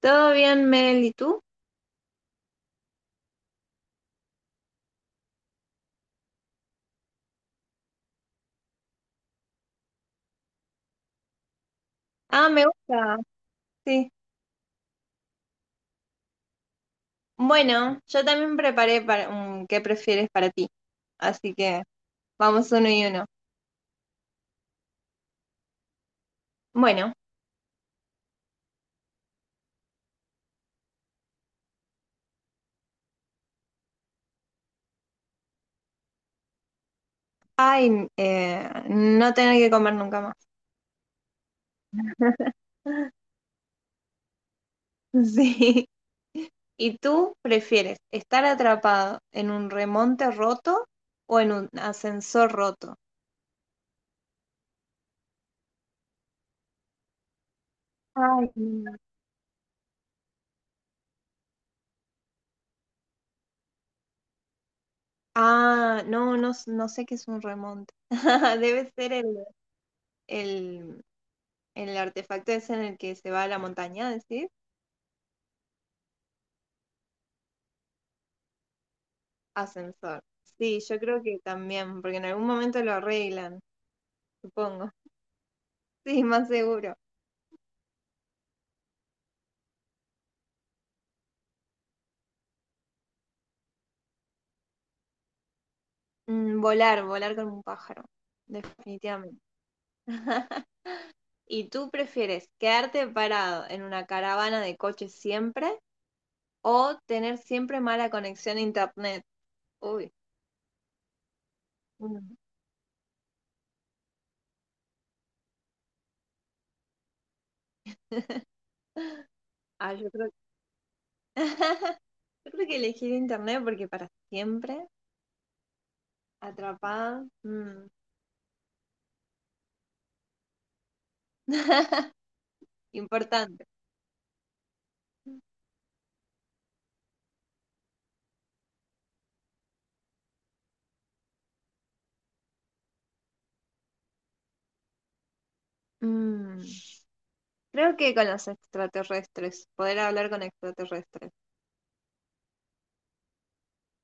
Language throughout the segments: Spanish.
¿Todo bien, Mel? ¿Y tú? Ah, me gusta. Sí. Bueno, yo también preparé para un ¿qué prefieres para ti? Así que vamos uno y uno. Bueno, ay, no tener que comer nunca más. Sí. ¿Y tú prefieres estar atrapado en un remonte roto o en un ascensor roto? Ay, no. Ah, no, no, no sé qué es un remonte. Debe ser el, el, el artefacto ese en el que se va a la montaña, ¿decís? Ascensor. Sí, yo creo que también, porque en algún momento lo arreglan, supongo. Sí, más seguro. Mm, volar, volar con un pájaro, definitivamente. ¿Y tú prefieres quedarte parado en una caravana de coches siempre o tener siempre mala conexión a internet? Uy, mm. Ah, yo creo que elegir internet porque para siempre, atrapada, importante. Mm. Creo que con los extraterrestres, poder hablar con extraterrestres.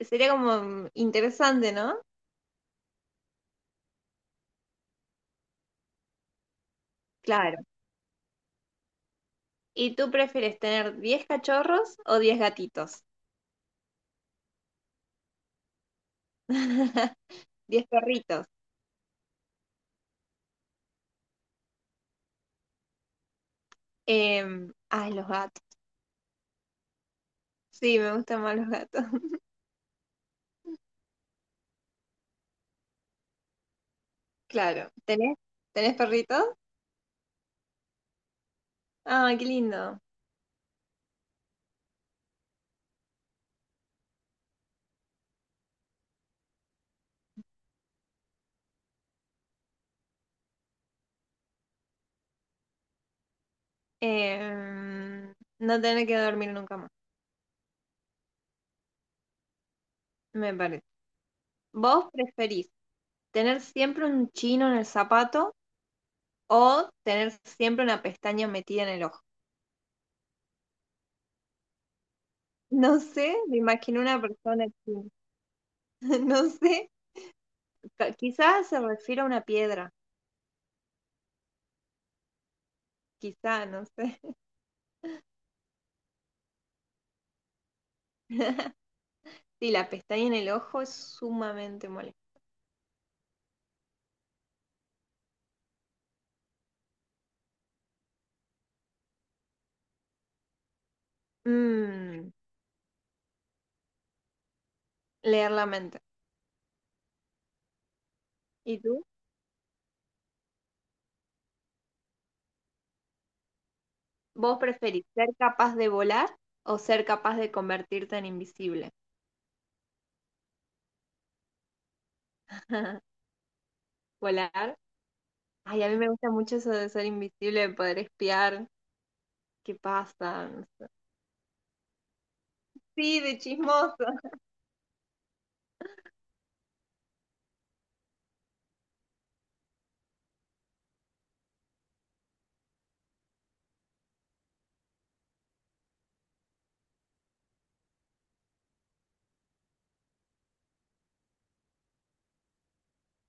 Sería como interesante, ¿no? Claro. ¿Y tú prefieres tener 10 cachorros o 10 gatitos? 10 perritos. Ay, los gatos. Sí, me gustan más los gatos. Claro. ¿Tenés perritos? Ah, qué lindo. Em, no tener que dormir nunca más, me parece. ¿Vos preferís tener siempre un chino en el zapato o tener siempre una pestaña metida en el ojo? No sé, me imagino una persona que, no sé, quizás se refiere a una piedra, quizá, no sé. Sí, la pestaña en el ojo es sumamente molesta. Mm, leer la mente. ¿Y tú? ¿Vos preferís ser capaz de volar o ser capaz de convertirte en invisible? ¿Volar? Ay, a mí me gusta mucho eso de ser invisible, de poder espiar qué pasa. No sé. Sí, de chismoso.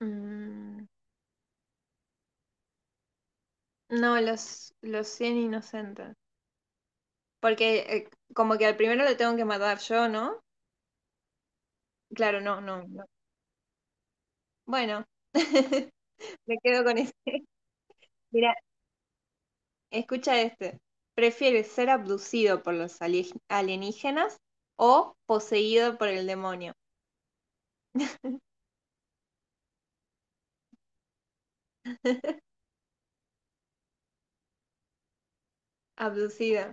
Mm, no, los 100 inocentes. Porque como que al primero lo tengo que matar yo, ¿no? Claro, no, no, no. Bueno, me quedo con eso. Mira, escucha este. ¿Prefieres ser abducido por los alienígenas o poseído por el demonio? Abducido.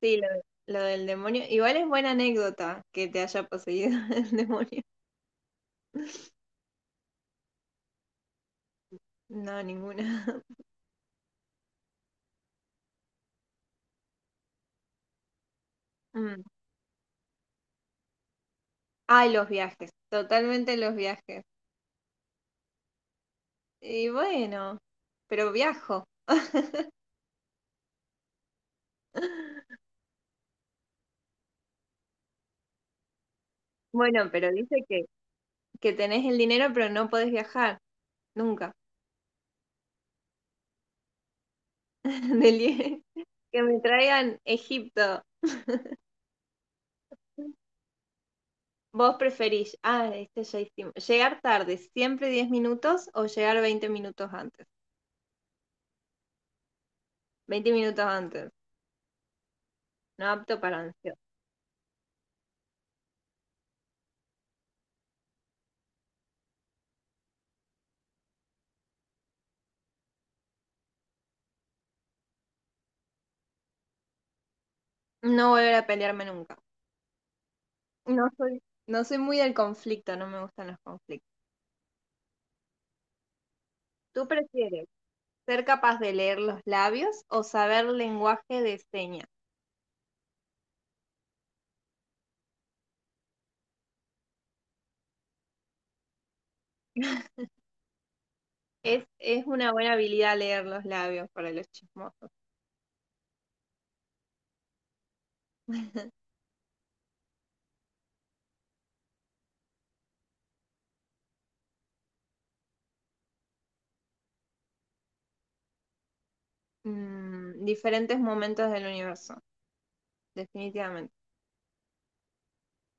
Sí, lo del demonio. Igual es buena anécdota que te haya poseído el demonio. No, ninguna. Mm. Ay, los viajes. Totalmente los viajes. Y bueno, pero viajo. Bueno, pero dice que tenés el dinero pero no podés viajar, nunca. Del die- que me traigan Egipto. ¿Vos preferís, este ya hicimos, llegar tarde, siempre 10 minutos o llegar 20 minutos antes? 20 minutos antes, no apto para ansioso. No volver a pelearme nunca. No soy, no soy muy del conflicto, no me gustan los conflictos. ¿Tú prefieres ser capaz de leer los labios o saber lenguaje de señas? Es una buena habilidad leer los labios para los chismos. Diferentes momentos del universo, definitivamente.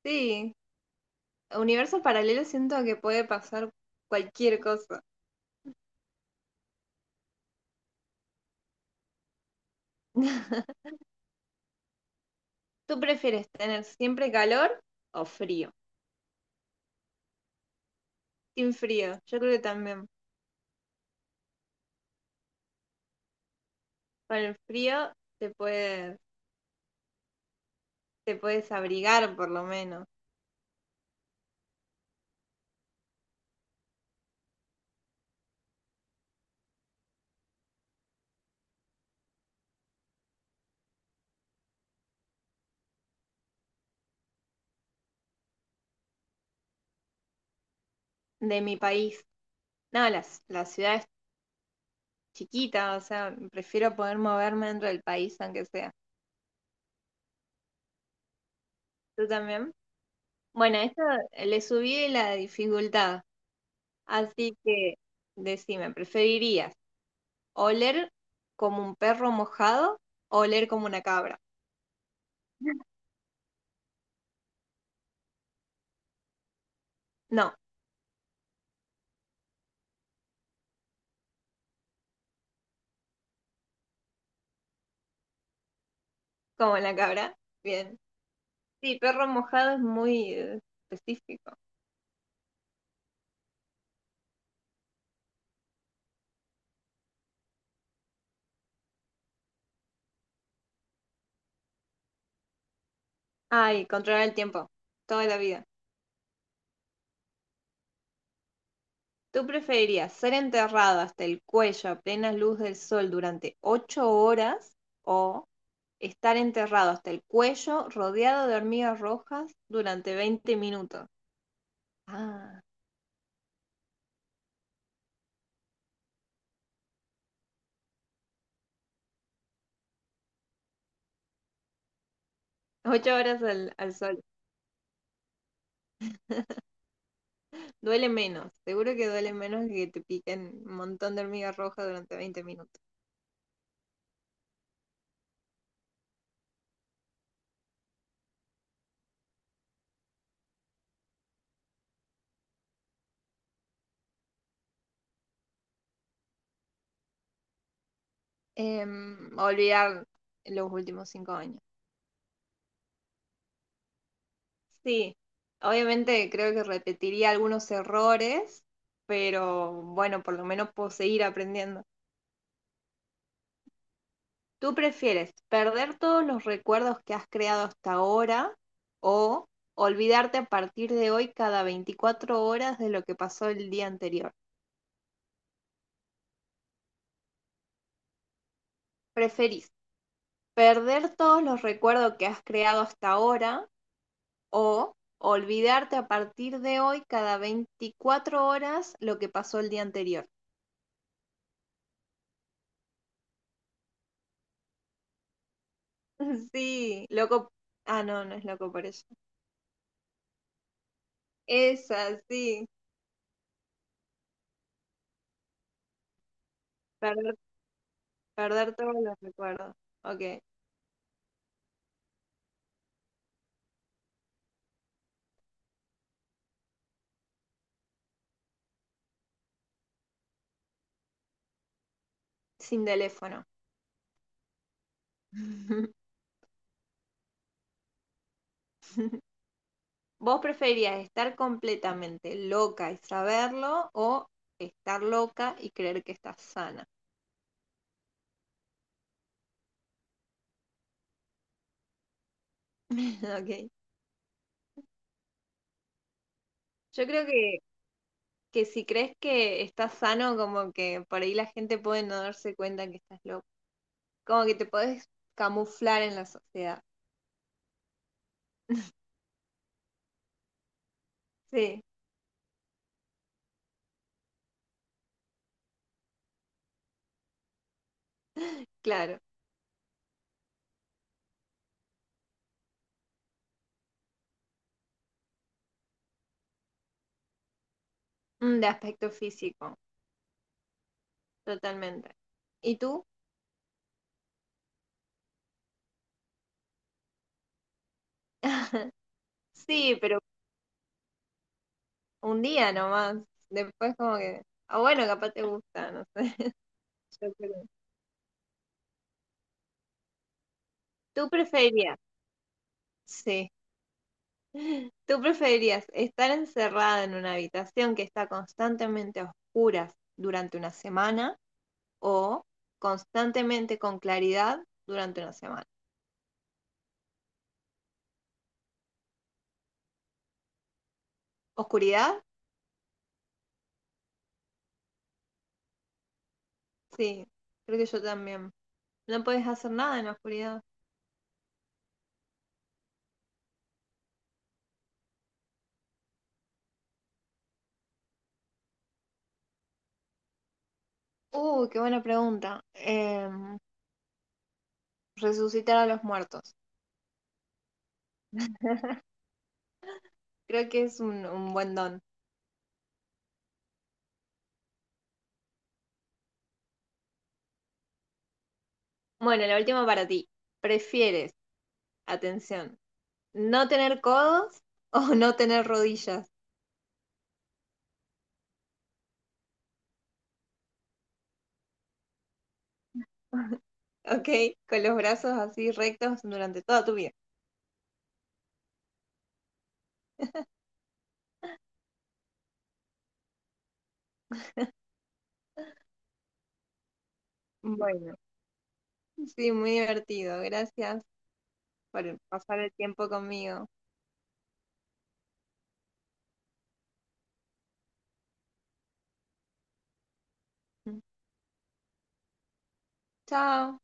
Sí, universo paralelo siento que puede pasar cualquier cosa. ¿Tú prefieres tener siempre calor o frío? Sin frío, yo creo que también. Con el frío te puedes, te puedes abrigar por lo menos. De mi país. No, la ciudad es chiquita, o sea, prefiero poder moverme dentro del país aunque sea. ¿Tú también? Bueno, esto le subí la dificultad. Así que decime, ¿preferirías oler como un perro mojado o oler como una cabra? No, como la cabra. Bien. Sí, perro mojado es muy específico. Ay, controlar el tiempo. Toda la vida. ¿Tú preferirías ser enterrado hasta el cuello a plena luz del sol durante 8 horas o estar enterrado hasta el cuello rodeado de hormigas rojas durante 20 minutos? Ah, 8 horas al sol. Duele menos, seguro que duele menos que te piquen un montón de hormigas rojas durante veinte minutos. Olvidar los últimos 5 años. Sí, obviamente creo que repetiría algunos errores, pero bueno, por lo menos puedo seguir aprendiendo. ¿Tú prefieres perder todos los recuerdos que has creado hasta ahora o olvidarte a partir de hoy cada 24 horas de lo que pasó el día anterior? ¿Preferís perder todos los recuerdos que has creado hasta ahora o olvidarte a partir de hoy cada 24 horas lo que pasó el día anterior? Sí, loco. Ah, no, no es loco por eso. Esa, sí. Perder, perder todos los recuerdos. Ok. Sin teléfono. ¿Vos preferirías estar completamente loca y saberlo o estar loca y creer que estás sana? Ok. Yo creo que si crees que estás sano, como que por ahí la gente puede no darse cuenta que estás loca. Como que te puedes camuflar en la sociedad. Sí, claro. De aspecto físico, totalmente. ¿Y tú? Sí, pero un día nomás. Después como que, ah, bueno, capaz te gusta, no sé. Yo creo. ¿Tú preferirías? Sí. ¿Tú preferirías estar encerrada en una habitación que está constantemente a oscuras durante una semana o constantemente con claridad durante una semana? ¿Oscuridad? Sí, creo que yo también. No puedes hacer nada en la oscuridad. Qué buena pregunta. Resucitar a los muertos. Creo que es un buen don. Bueno, la última para ti. ¿Prefieres, atención, no tener codos o no tener rodillas? Ok, con los brazos así rectos durante toda tu vida. Bueno, sí, muy divertido. Gracias por pasar el tiempo conmigo. Chao.